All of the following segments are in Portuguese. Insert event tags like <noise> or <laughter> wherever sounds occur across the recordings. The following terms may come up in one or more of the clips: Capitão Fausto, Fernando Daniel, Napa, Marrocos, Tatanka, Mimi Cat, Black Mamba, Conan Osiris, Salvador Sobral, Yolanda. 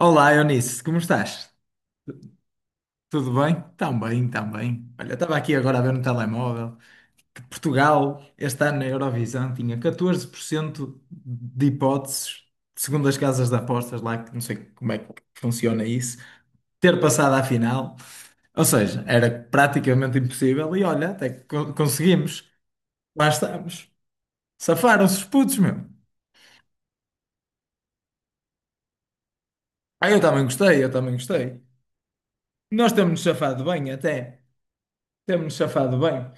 Olá, Eunice, como estás? Tudo bem? Tão bem, tão bem. Olha, eu estava aqui agora a ver no telemóvel que Portugal, este ano na Eurovisão, tinha 14% de hipóteses, segundo as casas de apostas lá, que não sei como é que funciona isso, ter passado à final. Ou seja, era praticamente impossível e olha, até que conseguimos. Lá estamos. Safaram-se os putos, meu. Ah, eu também gostei, eu também gostei. Nós temos-nos safado bem até. Temos-nos safado bem.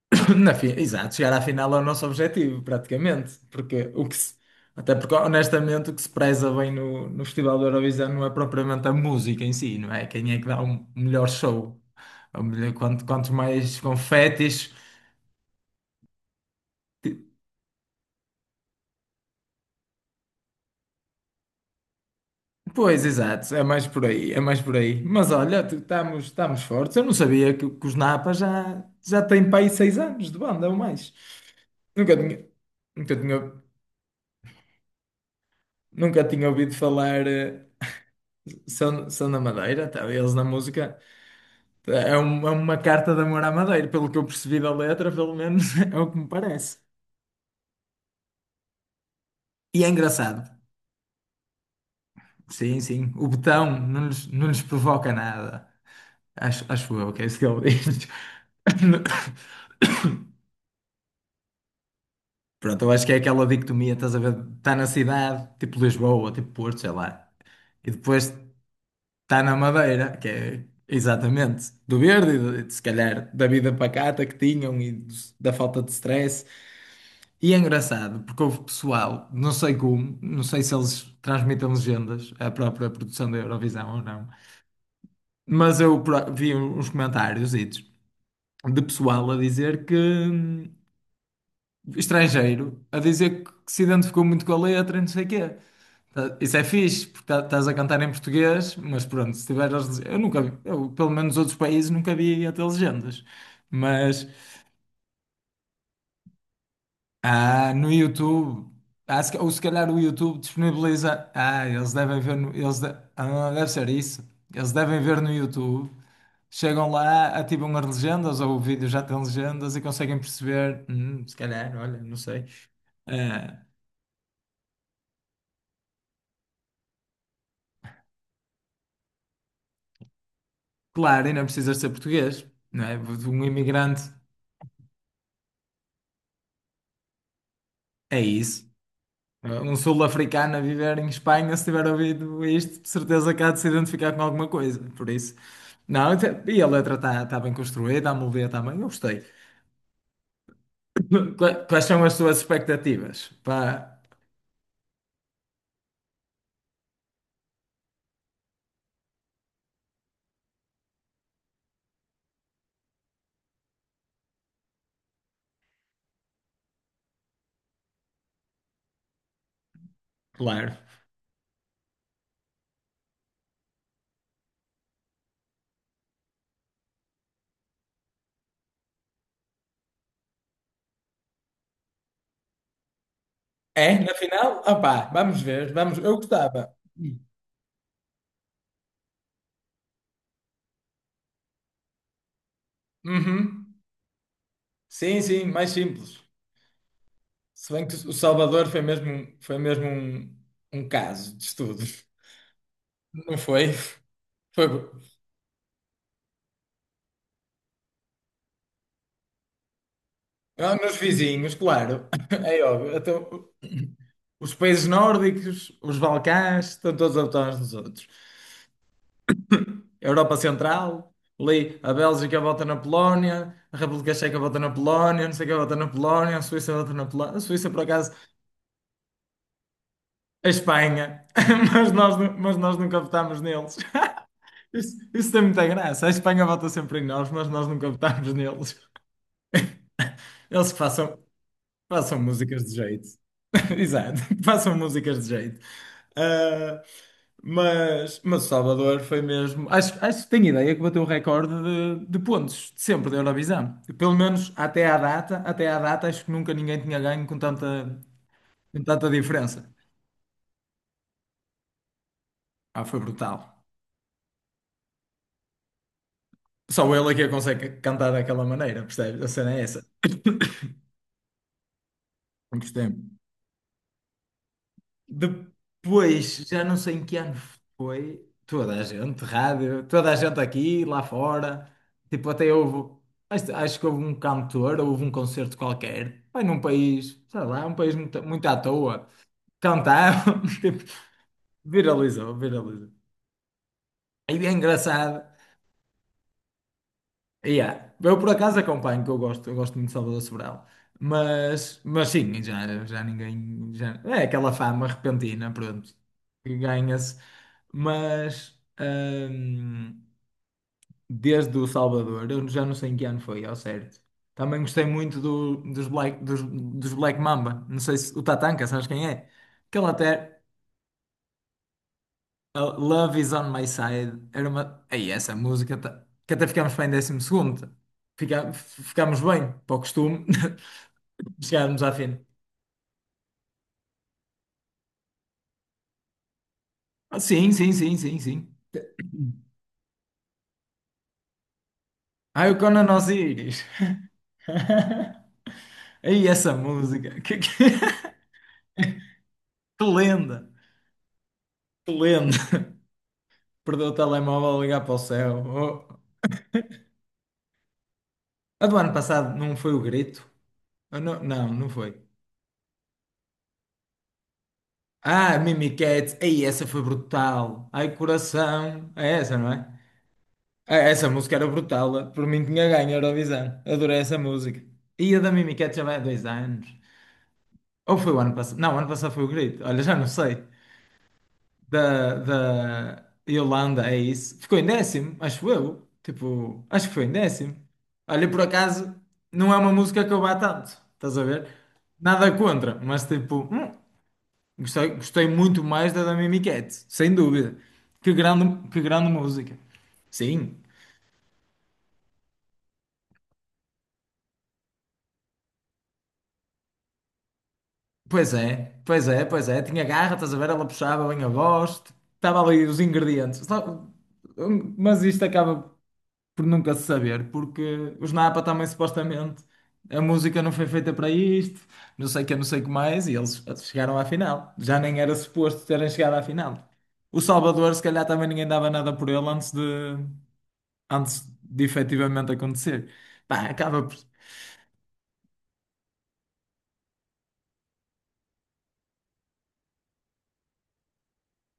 <coughs> Exato, chegar à final é o nosso objetivo, praticamente. Porque o que se- Até porque, honestamente, o que se preza bem no Festival da Eurovisão não é propriamente a música em si, não é? Quem é que dá o melhor show? Quanto mais confetes. Pois, exato, é mais por aí, é mais por aí. Mas olha, estamos fortes. Eu não sabia que os Napa já têm para aí 6 anos de banda ou mais. Nunca tinha, nunca tinha, nunca tinha ouvido falar. São da Madeira, tá? Eles na música. É uma carta de amor à Madeira, pelo que eu percebi da letra, pelo menos <laughs> é o que me parece. E é engraçado. Sim, sim. O botão não lhes provoca nada. Acho eu que é isso que ele diz. <coughs> <laughs> Pronto, eu acho que é aquela dicotomia, estás a ver? Está na cidade, tipo Lisboa, tipo Porto, sei lá. E depois está na Madeira, que é exatamente do verde, se calhar da vida pacata que tinham e da falta de stress. E é engraçado, porque houve pessoal, não sei como, não sei se eles transmitem legendas, a própria produção da Eurovisão ou não, mas eu vi uns comentários de pessoal a dizer que, estrangeiro, a dizer que se identificou muito com a letra e não sei o quê. Isso é fixe, porque estás a cantar em português, mas pronto, se tiveres as legendas, eu nunca vi, eu, pelo menos outros países nunca vi até legendas, mas. Ah, no YouTube. Ah, se ca- ou se calhar o YouTube disponibiliza. Ah, eles devem ver no. Deve ser isso. Eles devem ver no YouTube. Chegam lá, ativam as legendas, ou o vídeo já tem legendas e conseguem perceber. Se calhar, olha, não sei. Ah, claro, e não precisas ser português, não é? Um imigrante é isso. Eh, Um sul-africano a viver em Espanha, se tiver ouvido isto, de certeza que há de se identificar com alguma coisa. Por isso, não, e a letra está bem construída, a melodia está bem, eu gostei. <coughs> Quais são as suas expectativas? Pá, claro. É, na final? Ah, pá, vamos ver, vamos, eu gostava. Uhum. Sim, sim, mais simples. Se bem que o Salvador foi mesmo um caso de estudo. Não foi? Foi. Ah, nos vizinhos, claro. <coughs> <laughs> É óbvio. Então, os países nórdicos, os Balcãs, estão todos atrás dos outros. A Europa Central, ali a Bélgica vota na Polónia, a República Checa vota na Polónia, não sei quem vota na Polónia, a Suíça vota na Polónia. A Suíça, por acaso, a Espanha. <laughs> Mas nós nunca votámos neles. <laughs> Isso tem muita graça. A Espanha vota sempre em nós, mas nós nunca votámos neles. Eles que façam, façam músicas de jeito. <laughs> Exato, <laughs> que façam músicas de jeito. Ah, mas o Salvador foi mesmo. Acho que tenho ideia que bateu o recorde de pontos de sempre da Eurovisão. Pelo menos até à data, acho que nunca ninguém tinha ganho com tanta, diferença. Ah, foi brutal. Só ele é que consegue cantar daquela maneira, percebes? A cena é essa. <coughs> Muito tempo. Depois, já não sei em que ano foi, toda a gente, rádio, toda a gente aqui, lá fora, tipo, até houve, acho que houve um cantor, houve um concerto qualquer, foi num país, sei lá, um país muito, muito à toa, cantaram, <laughs> tipo, viralizou, viralizou. Aí é engraçado. Yeah. Eu por acaso acompanho, que eu gosto muito de Salvador Sobral. Mas sim, já, já ninguém. Já, é aquela fama repentina, pronto, que ganha-se. Mas desde o Salvador, eu já não sei em que ano foi, ao certo. Também gostei muito dos Black Mamba. Não sei se o Tatanka, sabes quem é? Que ele até, Love is on my side. Era uma. Ei, essa música que até ficámos bem em 12.º. Ficámos bem, para o costume, <laughs> chegámos à fim. Ah, sim, sim, sim, sim, sim. Ai, o Conan Osiris. <laughs> Ei, essa música. <laughs> Que lenda, que lenda. Perdeu o telemóvel a ligar para o céu. Oh. A do ano passado não foi o grito? Ah, não, não, não foi. Ah, Mimi Cat. Ei, essa foi brutal. Ai, coração. É essa, não é? Ah, essa música era brutal. Por mim tinha ganho a Eurovisão. Adorei essa música. E a da Mimi Cat já vai há 2 anos. Ou foi o ano passado? Não, o ano passado foi o Grito. Olha, já não sei. Da, da Yolanda, é isso. Ficou em décimo, acho eu. Tipo, acho que foi em décimo. Olha, por acaso, não é uma música que eu vá tanto. Estás a ver? Nada contra, mas tipo, gostei muito mais da Mimi Cat, sem dúvida. Que grande música. Sim, pois é, pois é, pois é. Tinha garra, estás a ver? Ela puxava bem a voz, estava ali os ingredientes. Mas isto acaba por nunca se saber, porque os Napa também supostamente a música não foi feita para isto, não sei o que, não sei o que mais, e eles chegaram à final. Já nem era suposto terem chegado à final. O Salvador, se calhar, também ninguém dava nada por ele antes de efetivamente acontecer. Pá, acaba por.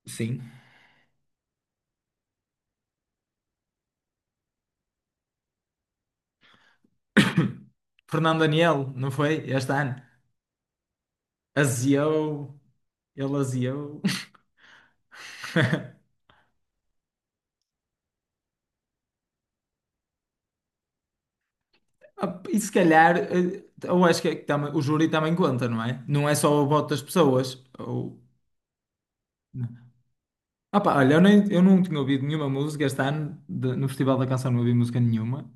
Sim. <coughs> Fernando Daniel, não foi? Este ano. Aziou, ele aziou. <laughs> Ah, e se calhar, eh, eu acho que é que o júri também conta, não é? Não é só o voto das pessoas. Ou. Ah pá, olha, eu, nem, eu não tinha ouvido nenhuma música este ano, no Festival da Canção não ouvi música nenhuma.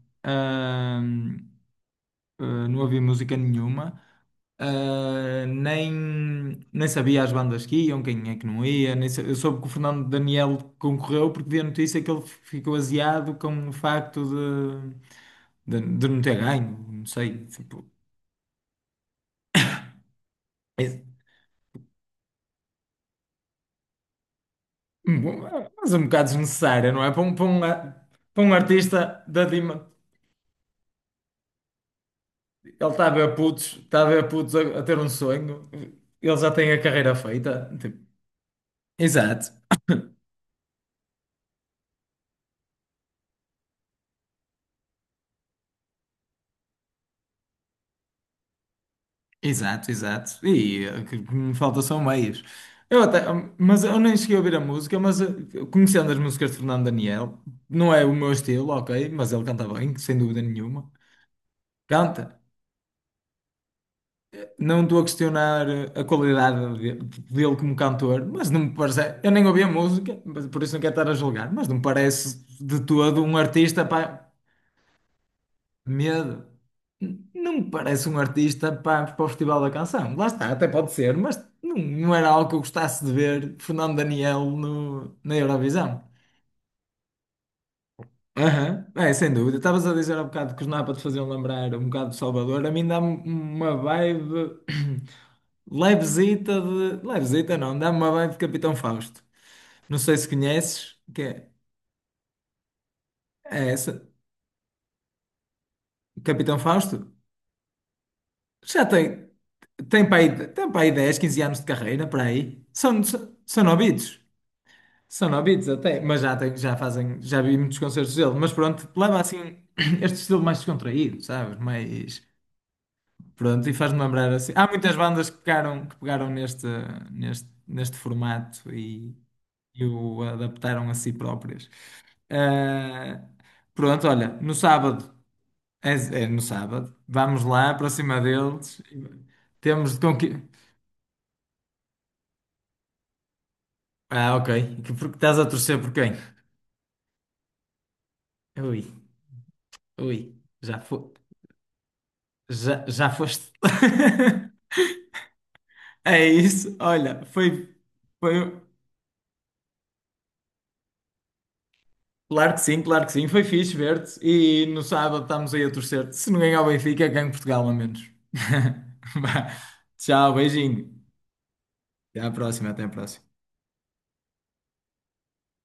Não havia música nenhuma, eh, nem, nem sabia as bandas que iam, quem é que não ia. Nem sa- Eu soube que o Fernando Daniel concorreu porque vi a notícia que ele ficou aziado com o facto de não ter ganho, não sei, tipo, é- mas é um bocado desnecessária, não é? Para um artista da Dima, ele está a ver putos, está a ver putos a ter um sonho, ele já tem a carreira feita, tipo, exato. Exato, exato. E eh, que me falta são meias. Eu até, mas eu nem cheguei a ouvir a música, mas eh, conhecendo as músicas de Fernando Daniel, não é o meu estilo, ok, mas ele canta bem, sem dúvida nenhuma. Canta. Não estou a questionar eh, a qualidade dele como cantor, mas não me parece. Eu nem ouvi a música, mas por isso não quero estar a julgar, mas não me parece de todo um artista Medo. Não me parece um artista para, para o Festival da Canção. Lá está, até pode ser, mas não, não era algo que eu gostasse de ver Fernando Daniel no, na Eurovisão. Aham, é, sem dúvida. Estavas a dizer há bocado que os Napa te faziam lembrar um bocado de Salvador. A mim dá-me uma vibe <clears throat> levezita de. Levezita não, dá-me uma vibe de Capitão Fausto. Não sei se conheces, que é essa. Capitão Fausto? Já tem, tem para aí 10, 15 anos de carreira, para aí. São novitos. São novitos até, mas já, tem, já fazem, já vi muitos concertos dele. Mas pronto, leva assim <clears throat> este estilo mais descontraído, sabes? Mais, pronto, e faz-me lembrar assim. Há muitas bandas que pegaram neste formato e o adaptaram a si próprias. Ah, pronto, olha, no sábado, é, é no sábado, vamos lá para cima deles. Temos de conquistar. Ah, ok. Porque estás a torcer por quem? Ui, ui, já, fo já foste. <laughs> É isso, olha, foi. Claro que sim, foi fixe ver-te. E no sábado estamos aí a torcer-te. Se não ganhar o Benfica, ganho Portugal, a menos. <laughs> Vá. Tchau, beijinho. Até à próxima, até à próxima.